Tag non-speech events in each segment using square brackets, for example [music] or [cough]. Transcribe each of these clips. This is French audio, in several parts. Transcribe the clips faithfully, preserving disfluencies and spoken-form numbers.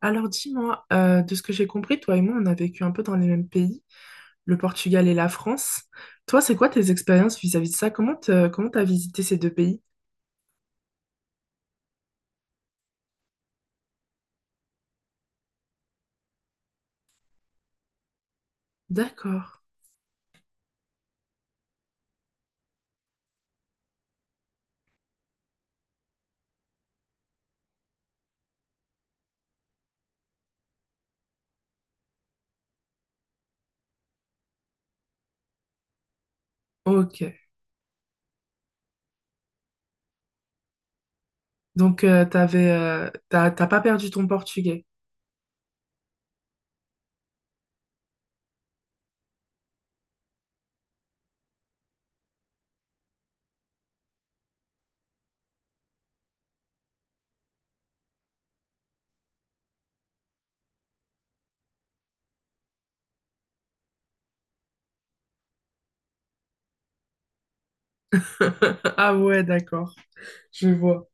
Alors dis-moi, euh, de ce que j'ai compris, toi et moi, on a vécu un peu dans les mêmes pays, le Portugal et la France. Toi, c'est quoi tes expériences vis-à-vis de ça? Comment te- comment t'as visité ces deux pays? D'accord. Ok. Donc euh, t'avais, euh, t'as t'as pas perdu ton portugais. [laughs] Ah ouais, d'accord. Je vois.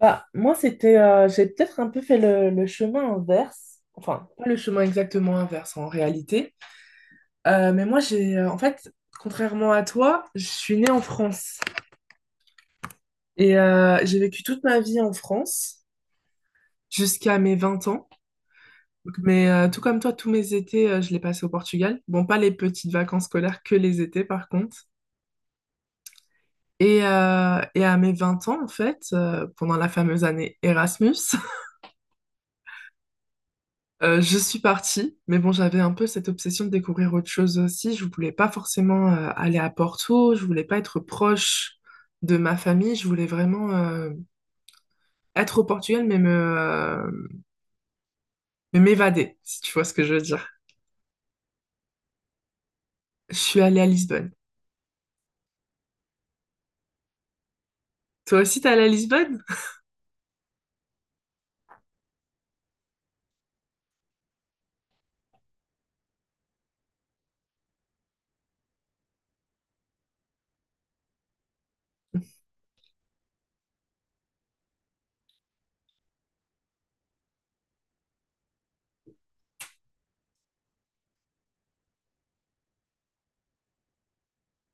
Bah, moi, c'était, euh, j'ai peut-être un peu fait le, le chemin inverse. Enfin, pas le chemin exactement inverse en réalité. Euh, mais moi, j'ai, euh, en fait, contrairement à toi, je suis née en France. Et euh, j'ai vécu toute ma vie en France jusqu'à mes vingt ans. Donc, Mais euh, tout comme toi, tous mes étés, euh, je les passais au Portugal. Bon, pas les petites vacances scolaires, que les étés par contre. Et, euh, et à mes vingt ans, en fait, euh, pendant la fameuse année Erasmus, [laughs] euh, je suis partie. Mais bon, j'avais un peu cette obsession de découvrir autre chose aussi. Je voulais pas forcément euh, aller à Porto, je voulais pas être proche de ma famille, je voulais vraiment euh, être au Portugal, mais me, euh, mais m'évader, si tu vois ce que je veux dire. Je suis allée à Lisbonne. Toi aussi, t'es allée à Lisbonne?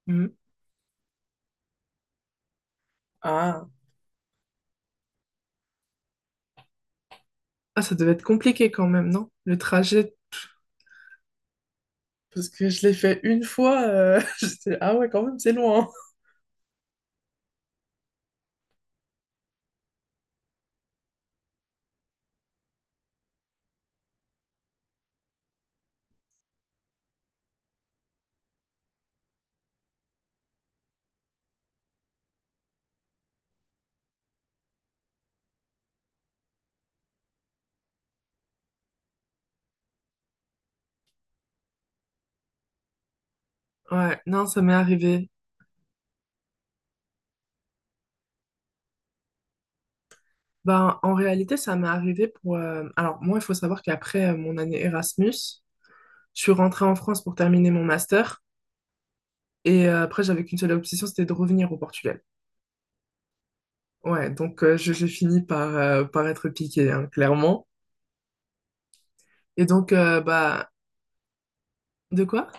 Mhm. Ah, ah, ça devait être compliqué quand même, non? Le trajet. parce que je l'ai fait une fois. euh, [laughs] j'étais- Ah ouais, quand même, c'est loin. Ouais, non, ça m'est arrivé. Ben, en réalité, ça m'est arrivé pour... euh, Alors, moi, il faut savoir qu'après euh, mon année Erasmus, je suis rentrée en France pour terminer mon master. Et euh, après, j'avais qu'une seule obsession, c'était de revenir au Portugal. Ouais, donc euh, je, j'ai fini par, euh, par être piquée, hein, clairement. Et donc, euh, bah... De quoi?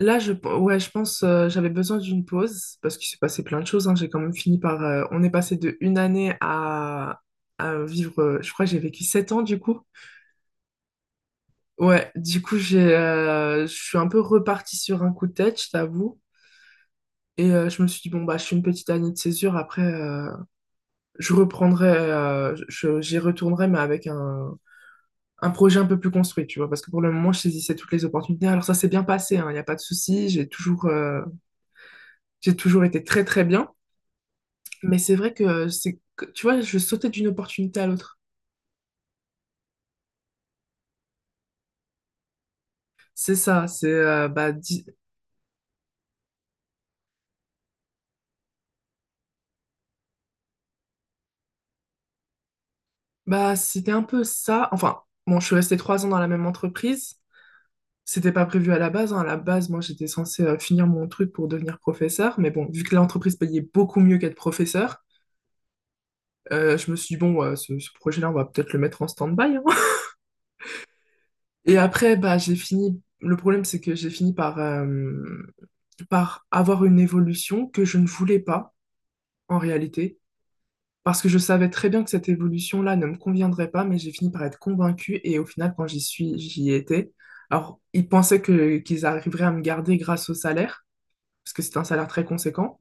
Là, je, ouais, je pense euh, j'avais besoin d'une pause parce qu'il s'est passé plein de choses. Hein. J'ai quand même fini par. euh, On est passé de une année à, à vivre. Euh, je crois que j'ai vécu sept ans du coup. Ouais, du coup, j'ai, euh, je suis un peu repartie sur un coup de tête, je t'avoue. Et euh, je me suis dit, bon, bah, je suis une petite année de césure. Après, euh, je reprendrai, euh, je, j'y retournerai, mais avec un, un projet un peu plus construit, tu vois. Parce que pour le moment, je saisissais toutes les opportunités. Alors, ça s'est bien passé, hein. Il n'y a pas de souci. J'ai toujours, euh, j'ai toujours été très, très bien. Mais c'est vrai que euh, c'est, que- tu vois, je sautais d'une opportunité à l'autre. C'est ça, c'est euh, bah, di- bah c'était un peu ça. Enfin, bon, je suis restée trois ans dans la même entreprise. C'était pas prévu à la base. Hein. À la base, moi, j'étais censée euh, finir mon truc pour devenir professeur. Mais bon, vu que l'entreprise payait beaucoup mieux qu'être professeur, euh, je me suis dit, bon, ouais, ce, ce projet-là, on va peut-être le mettre en stand-by. Hein. [laughs] Et après, bah, j'ai fini. Le problème, c'est que j'ai fini par, euh, par avoir une évolution que je ne voulais pas, en réalité. Parce que je savais très bien que cette évolution-là ne me conviendrait pas, mais j'ai fini par être convaincue et au final, quand j'y suis, j'y étais. Alors, ils pensaient que, qu'ils arriveraient à me garder grâce au salaire, parce que c'est un salaire très conséquent.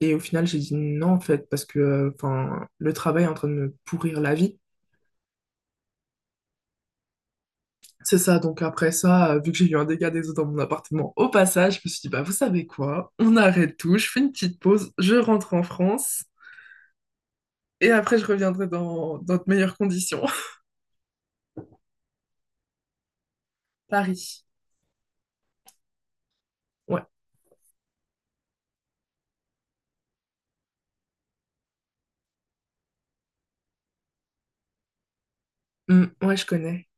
Et au final, j'ai dit non, en fait, parce que euh, enfin, le travail est en train de me pourrir la vie. C'est ça, donc après ça, euh, vu que j'ai eu un dégât des eaux dans mon appartement, au passage, je me suis dit, bah vous savez quoi, on arrête tout, je fais une petite pause, je rentre en France, et après je reviendrai dans, dans de meilleures conditions. [laughs] Paris. Ouais. Mm, ouais, je connais.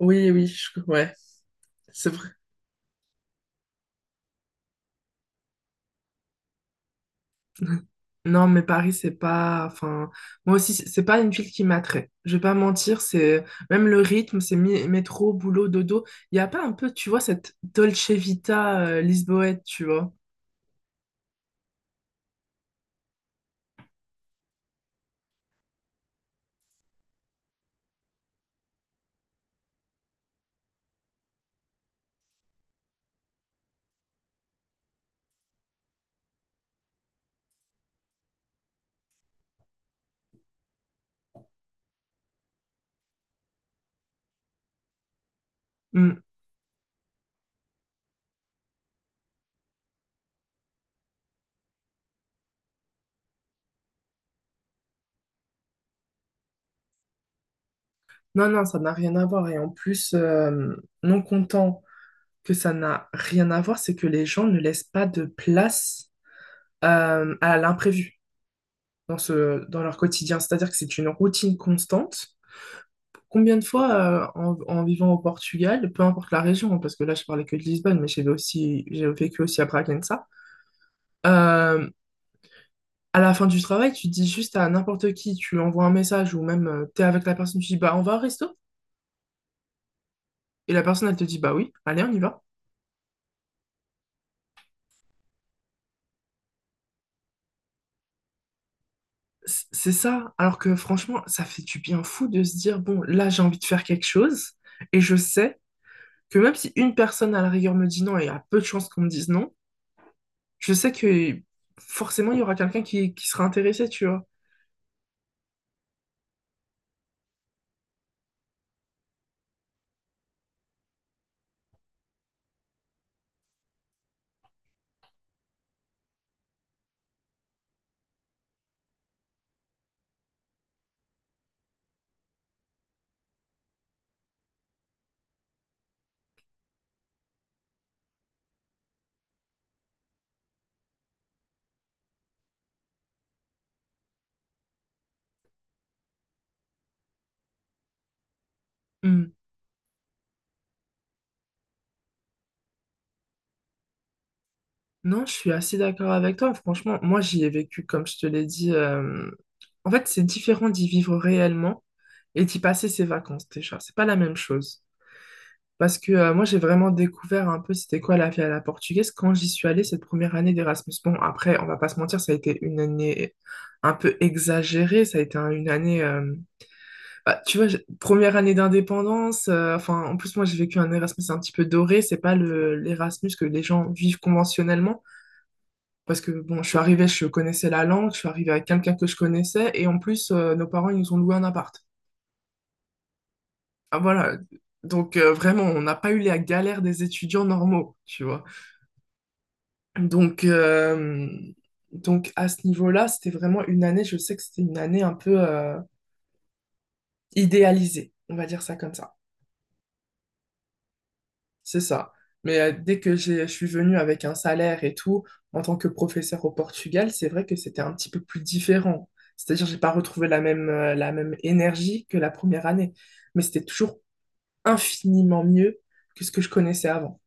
Oui, oui, je- ouais, c'est vrai. Non, mais Paris, c'est pas. Enfin, moi aussi, c'est c'est pas une ville qui m'attrait. Je vais pas mentir, c'est même le rythme, c'est mi- métro, boulot, dodo. Il y a pas un peu, tu vois, cette Dolce Vita euh, lisboète, tu vois. Mm. Non, non, ça n'a rien à voir. Et en plus, euh, non content que ça n'a rien à voir, c'est que les gens ne laissent pas de place euh, à l'imprévu dans ce, dans leur quotidien. C'est-à-dire que c'est une routine constante. Combien de fois, euh, en, en vivant au Portugal, peu importe la région, hein, parce que là, je parlais que de Lisbonne, mais j'ai aussi, j'ai vécu aussi à Bragança, euh, à la fin du travail, tu dis juste à n'importe qui, tu envoies un message ou même tu t'es avec la personne, tu dis, bah, on va au resto? Et la personne, elle te dit, bah oui, allez, on y va. C- C'est ça. Alors que franchement, ça fait du bien fou de se dire, bon, là, j'ai envie de faire quelque chose et je sais que même si une personne à la rigueur me dit non et a peu de chances qu'on me dise non, je sais que forcément, il y aura quelqu'un qui, qui sera intéressé, tu vois. Hmm. Non, je suis assez d'accord avec toi. Franchement, moi, j'y ai vécu, comme je te l'ai dit. euh, En fait, c'est différent d'y vivre réellement et d'y passer ses vacances déjà. C'est pas la même chose. Parce que euh, moi, j'ai vraiment découvert un peu c'était quoi la vie à la portugaise quand j'y suis allée cette première année d'Erasmus. Bon, après, on va pas se mentir, ça a été une année un peu exagérée. Ça a été un- une année. Euh, bah, tu vois, j'ai- première année d'indépendance. euh, Enfin, en plus, moi, j'ai vécu un Erasmus un petit peu doré. C'est pas le l'Erasmus que les gens vivent conventionnellement. Parce que bon, je suis arrivée, je connaissais la langue, je suis arrivée avec quelqu'un que je connaissais, et en plus, euh, nos parents, ils nous ont loué un appart. Ah voilà. Donc euh, vraiment, on n'a pas eu la galère des étudiants normaux, tu vois. Donc, euh, donc à ce niveau-là, c'était vraiment une année, je sais que c'était une année un peu euh, idéalisée, on va dire ça comme ça. C'est ça. Mais euh, dès que j'ai- je suis venue avec un salaire et tout, en tant que professeur au Portugal, c'est vrai que c'était un petit peu plus différent. C'est-à-dire, j'ai pas retrouvé la même, euh, la même énergie que la première année. Mais c'était toujours infiniment mieux que ce que je connaissais avant.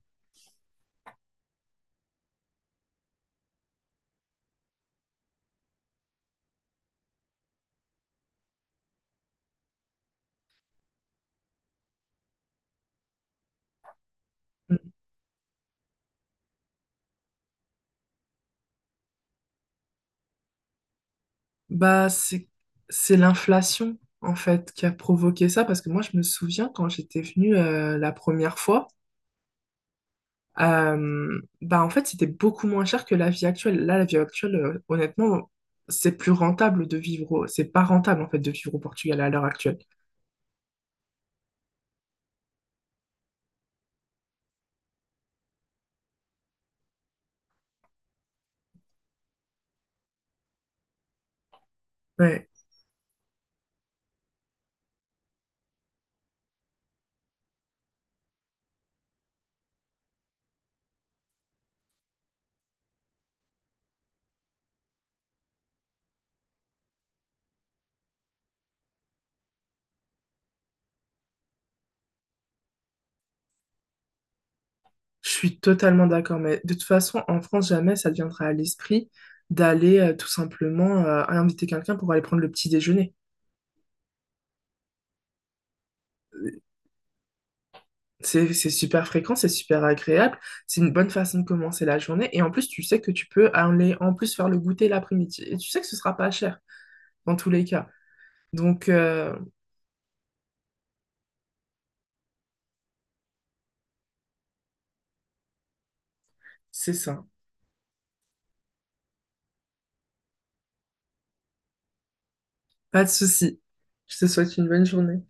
Mm. Bah, c'est, c'est l'inflation, en fait, qui a provoqué ça. Parce que moi, je me souviens quand j'étais venue, euh, la première fois, Euh, bah en fait, c'était beaucoup moins cher que la vie actuelle. Là, la vie actuelle, euh, honnêtement, c'est plus rentable de vivre au... C'est pas rentable, en fait, de vivre au Portugal à l'heure actuelle. Ouais, je suis totalement d'accord. Mais de toute façon, en France, jamais ça deviendra à l'esprit d'aller euh, tout simplement euh, inviter quelqu'un pour aller prendre le petit déjeuner. C'est, c'est super fréquent, c'est super agréable, c'est une bonne façon de commencer la journée. Et en plus, tu sais que tu peux aller en plus faire le goûter l'après-midi. Et tu sais que ce sera pas cher, dans tous les cas. Donc, euh, c'est ça. Pas de souci. Je te souhaite une bonne journée.